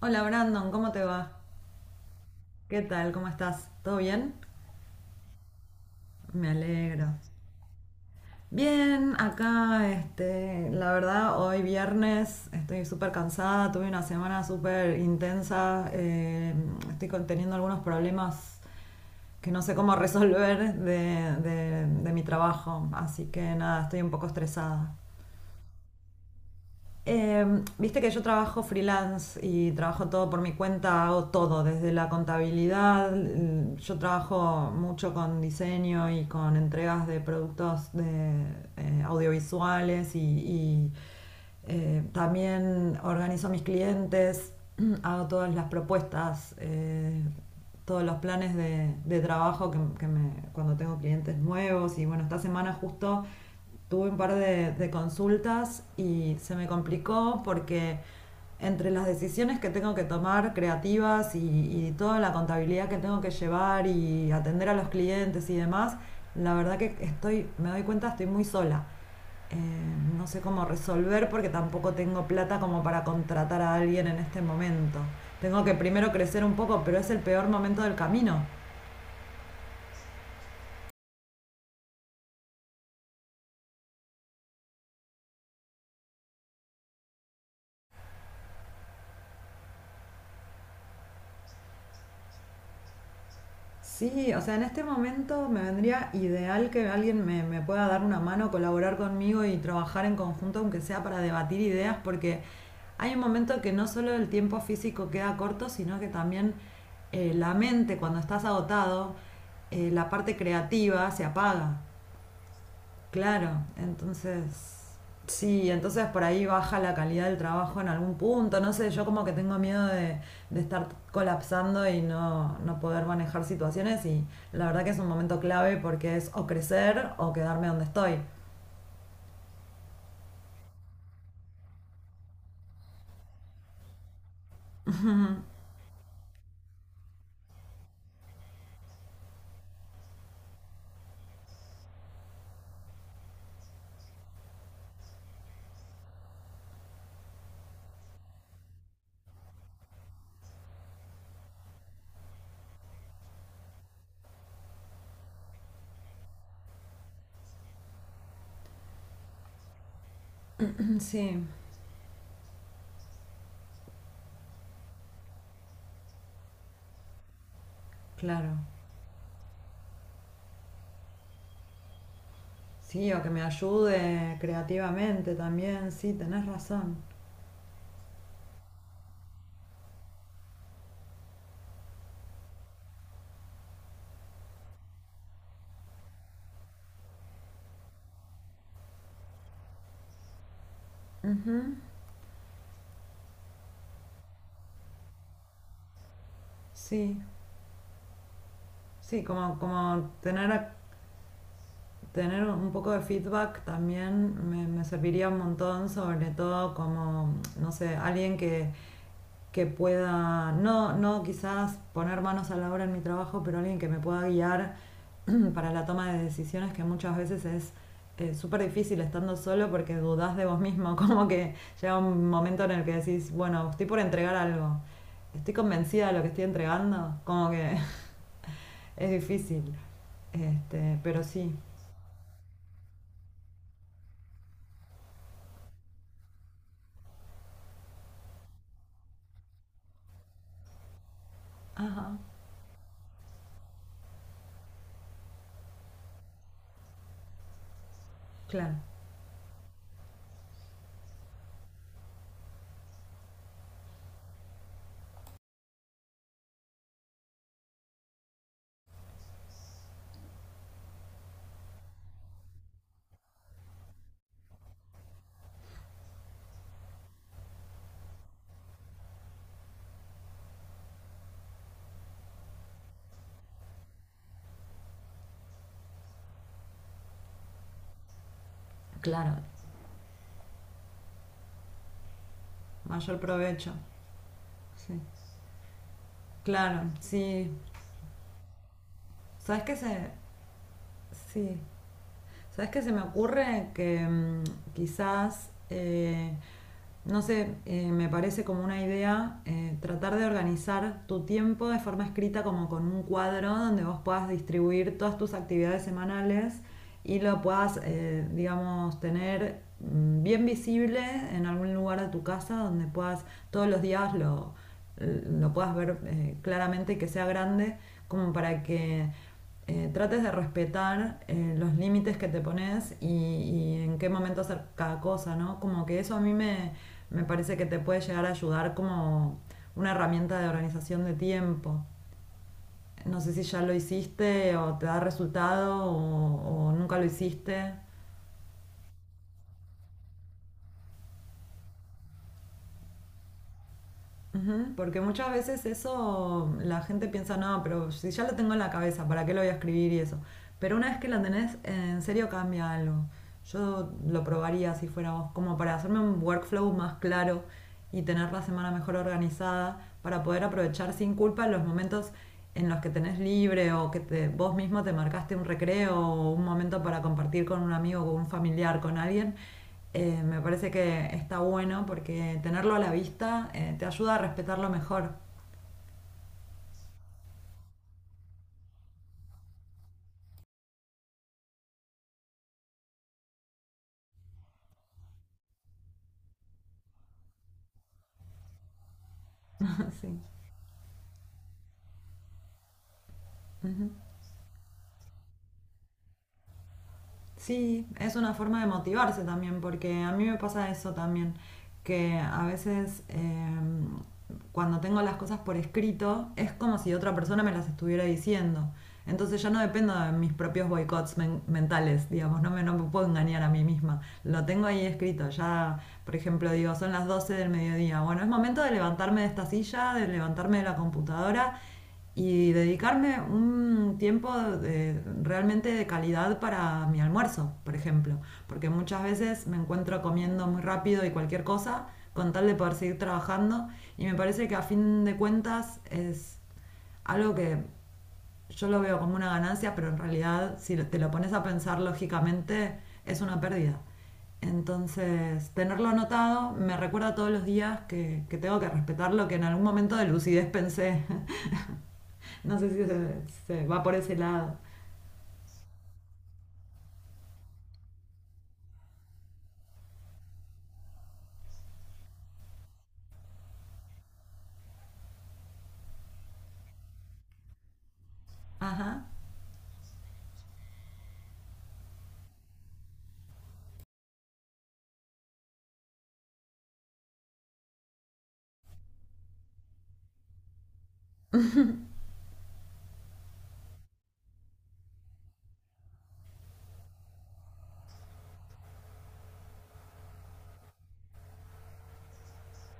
Hola Brandon, ¿cómo te va? ¿Qué tal? ¿Cómo estás? ¿Todo bien? Me alegro. Bien, acá, la verdad, hoy viernes estoy súper cansada, tuve una semana súper intensa, estoy teniendo algunos problemas que no sé cómo resolver de mi trabajo, así que nada, estoy un poco estresada. Viste que yo trabajo freelance y trabajo todo por mi cuenta, hago todo, desde la contabilidad, yo trabajo mucho con diseño y con entregas de productos de audiovisuales y también organizo mis clientes, hago todas las propuestas, todos los planes de trabajo que cuando tengo clientes nuevos y bueno, esta semana justo tuve un par de consultas y se me complicó porque entre las decisiones que tengo que tomar creativas y toda la contabilidad que tengo que llevar y atender a los clientes y demás, la verdad que estoy, me doy cuenta, estoy muy sola. Eh, no sé cómo resolver porque tampoco tengo plata como para contratar a alguien en este momento. Tengo que primero crecer un poco, pero es el peor momento del camino. Sí, o sea, en este momento me vendría ideal que alguien me pueda dar una mano, colaborar conmigo y trabajar en conjunto, aunque sea para debatir ideas, porque hay un momento que no solo el tiempo físico queda corto, sino que también la mente, cuando estás agotado, la parte creativa se apaga. Claro, entonces, sí, entonces por ahí baja la calidad del trabajo en algún punto, no sé, yo como que tengo miedo de estar colapsando y no poder manejar situaciones y la verdad que es un momento clave porque es o crecer o quedarme donde estoy. Sí, claro, sí, o que me ayude creativamente también, sí, tenés razón, sí, sí, como, como tener un poco de feedback también me serviría un montón, sobre todo como, no sé, alguien que pueda, no, no quizás poner manos a la obra en mi trabajo, pero alguien que me pueda guiar para la toma de decisiones que muchas veces es súper difícil estando solo porque dudás de vos mismo, como que llega un momento en el que decís, bueno, estoy por entregar algo, estoy convencida de lo que estoy entregando, como que es difícil, pero sí, ajá, claro. Claro. Mayor provecho. Sí. Claro, sí. ¿Sabes qué se.? Sí. ¿Sabes qué se me ocurre? Que quizás, no sé, me parece como una idea tratar de organizar tu tiempo de forma escrita como con un cuadro donde vos puedas distribuir todas tus actividades semanales y lo puedas, digamos, tener bien visible en algún lugar de tu casa donde puedas todos los días lo puedas ver claramente y que sea grande como para que trates de respetar los límites que te pones y en qué momento hacer cada cosa, ¿no? Como que eso a mí me parece que te puede llegar a ayudar como una herramienta de organización de tiempo. No sé si ya lo hiciste o te da resultado o nunca lo hiciste. Ujú. Porque muchas veces eso la gente piensa, no, pero si ya lo tengo en la cabeza, ¿para qué lo voy a escribir y eso? Pero una vez que la tenés, en serio cambia algo. Yo lo probaría si fuera vos, como para hacerme un workflow más claro y tener la semana mejor organizada, para poder aprovechar sin culpa los momentos en los que tenés libre o que vos mismo te marcaste un recreo o un momento para compartir con un amigo, con un familiar, con alguien me parece que está bueno porque tenerlo a la vista te ayuda a respetarlo mejor. Sí. Sí, es una forma de motivarse también, porque a mí me pasa eso también, que a veces cuando tengo las cosas por escrito es como si otra persona me las estuviera diciendo. Entonces ya no dependo de mis propios boicots mentales, digamos, no me puedo engañar a mí misma. Lo tengo ahí escrito, ya, por ejemplo, digo, son las 12 del mediodía. Bueno, es momento de levantarme de esta silla, de levantarme de la computadora y dedicarme un tiempo realmente de calidad para mi almuerzo, por ejemplo, porque muchas veces me encuentro comiendo muy rápido y cualquier cosa con tal de poder seguir trabajando y me parece que a fin de cuentas es algo que yo lo veo como una ganancia, pero en realidad si te lo pones a pensar lógicamente es una pérdida. Entonces, tenerlo anotado me recuerda todos los días que tengo que respetar lo que en algún momento de lucidez pensé. No sé si se va por ese lado.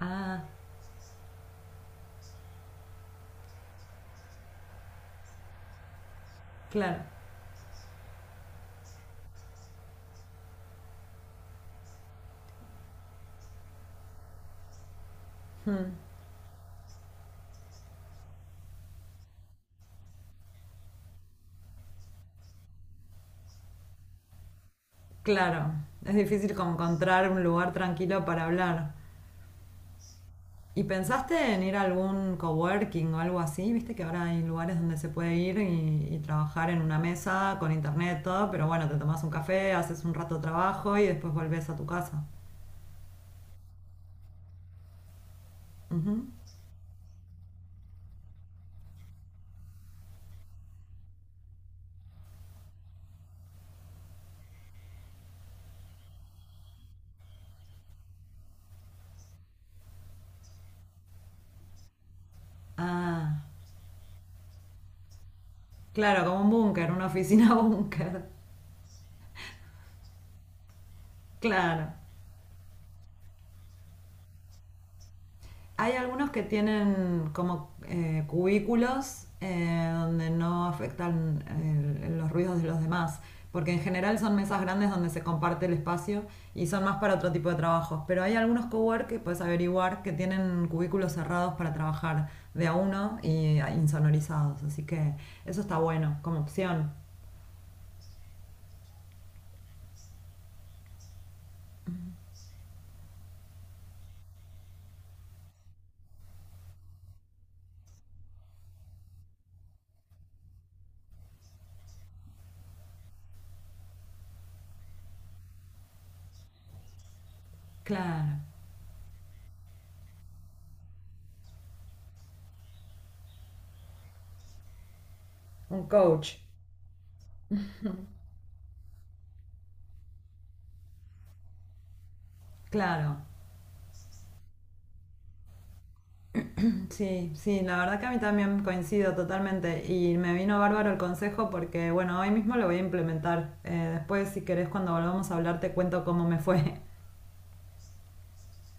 Ah, claro, claro. Es difícil como encontrar un lugar tranquilo para hablar. ¿Y pensaste en ir a algún coworking o algo así? Viste que ahora hay lugares donde se puede ir y trabajar en una mesa con internet, todo, pero bueno, te tomas un café, haces un rato de trabajo y después volvés a tu casa. Ah, claro, como un búnker, una oficina búnker. Claro. Hay algunos que tienen como cubículos donde no afectan los ruidos de los demás, porque en general son mesas grandes donde se comparte el espacio y son más para otro tipo de trabajos. Pero hay algunos cowork que puedes averiguar que tienen cubículos cerrados para trabajar de a uno y insonorizados, así que eso está bueno como opción. Claro, un coach, claro. Sí, sí, la verdad que a mí también coincido totalmente y me vino bárbaro el consejo porque, bueno, hoy mismo lo voy a implementar. Después, si querés, cuando volvamos a hablar, te cuento cómo me fue.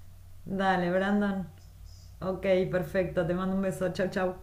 Dale, Brandon. Ok, perfecto, te mando un beso, chau, chau.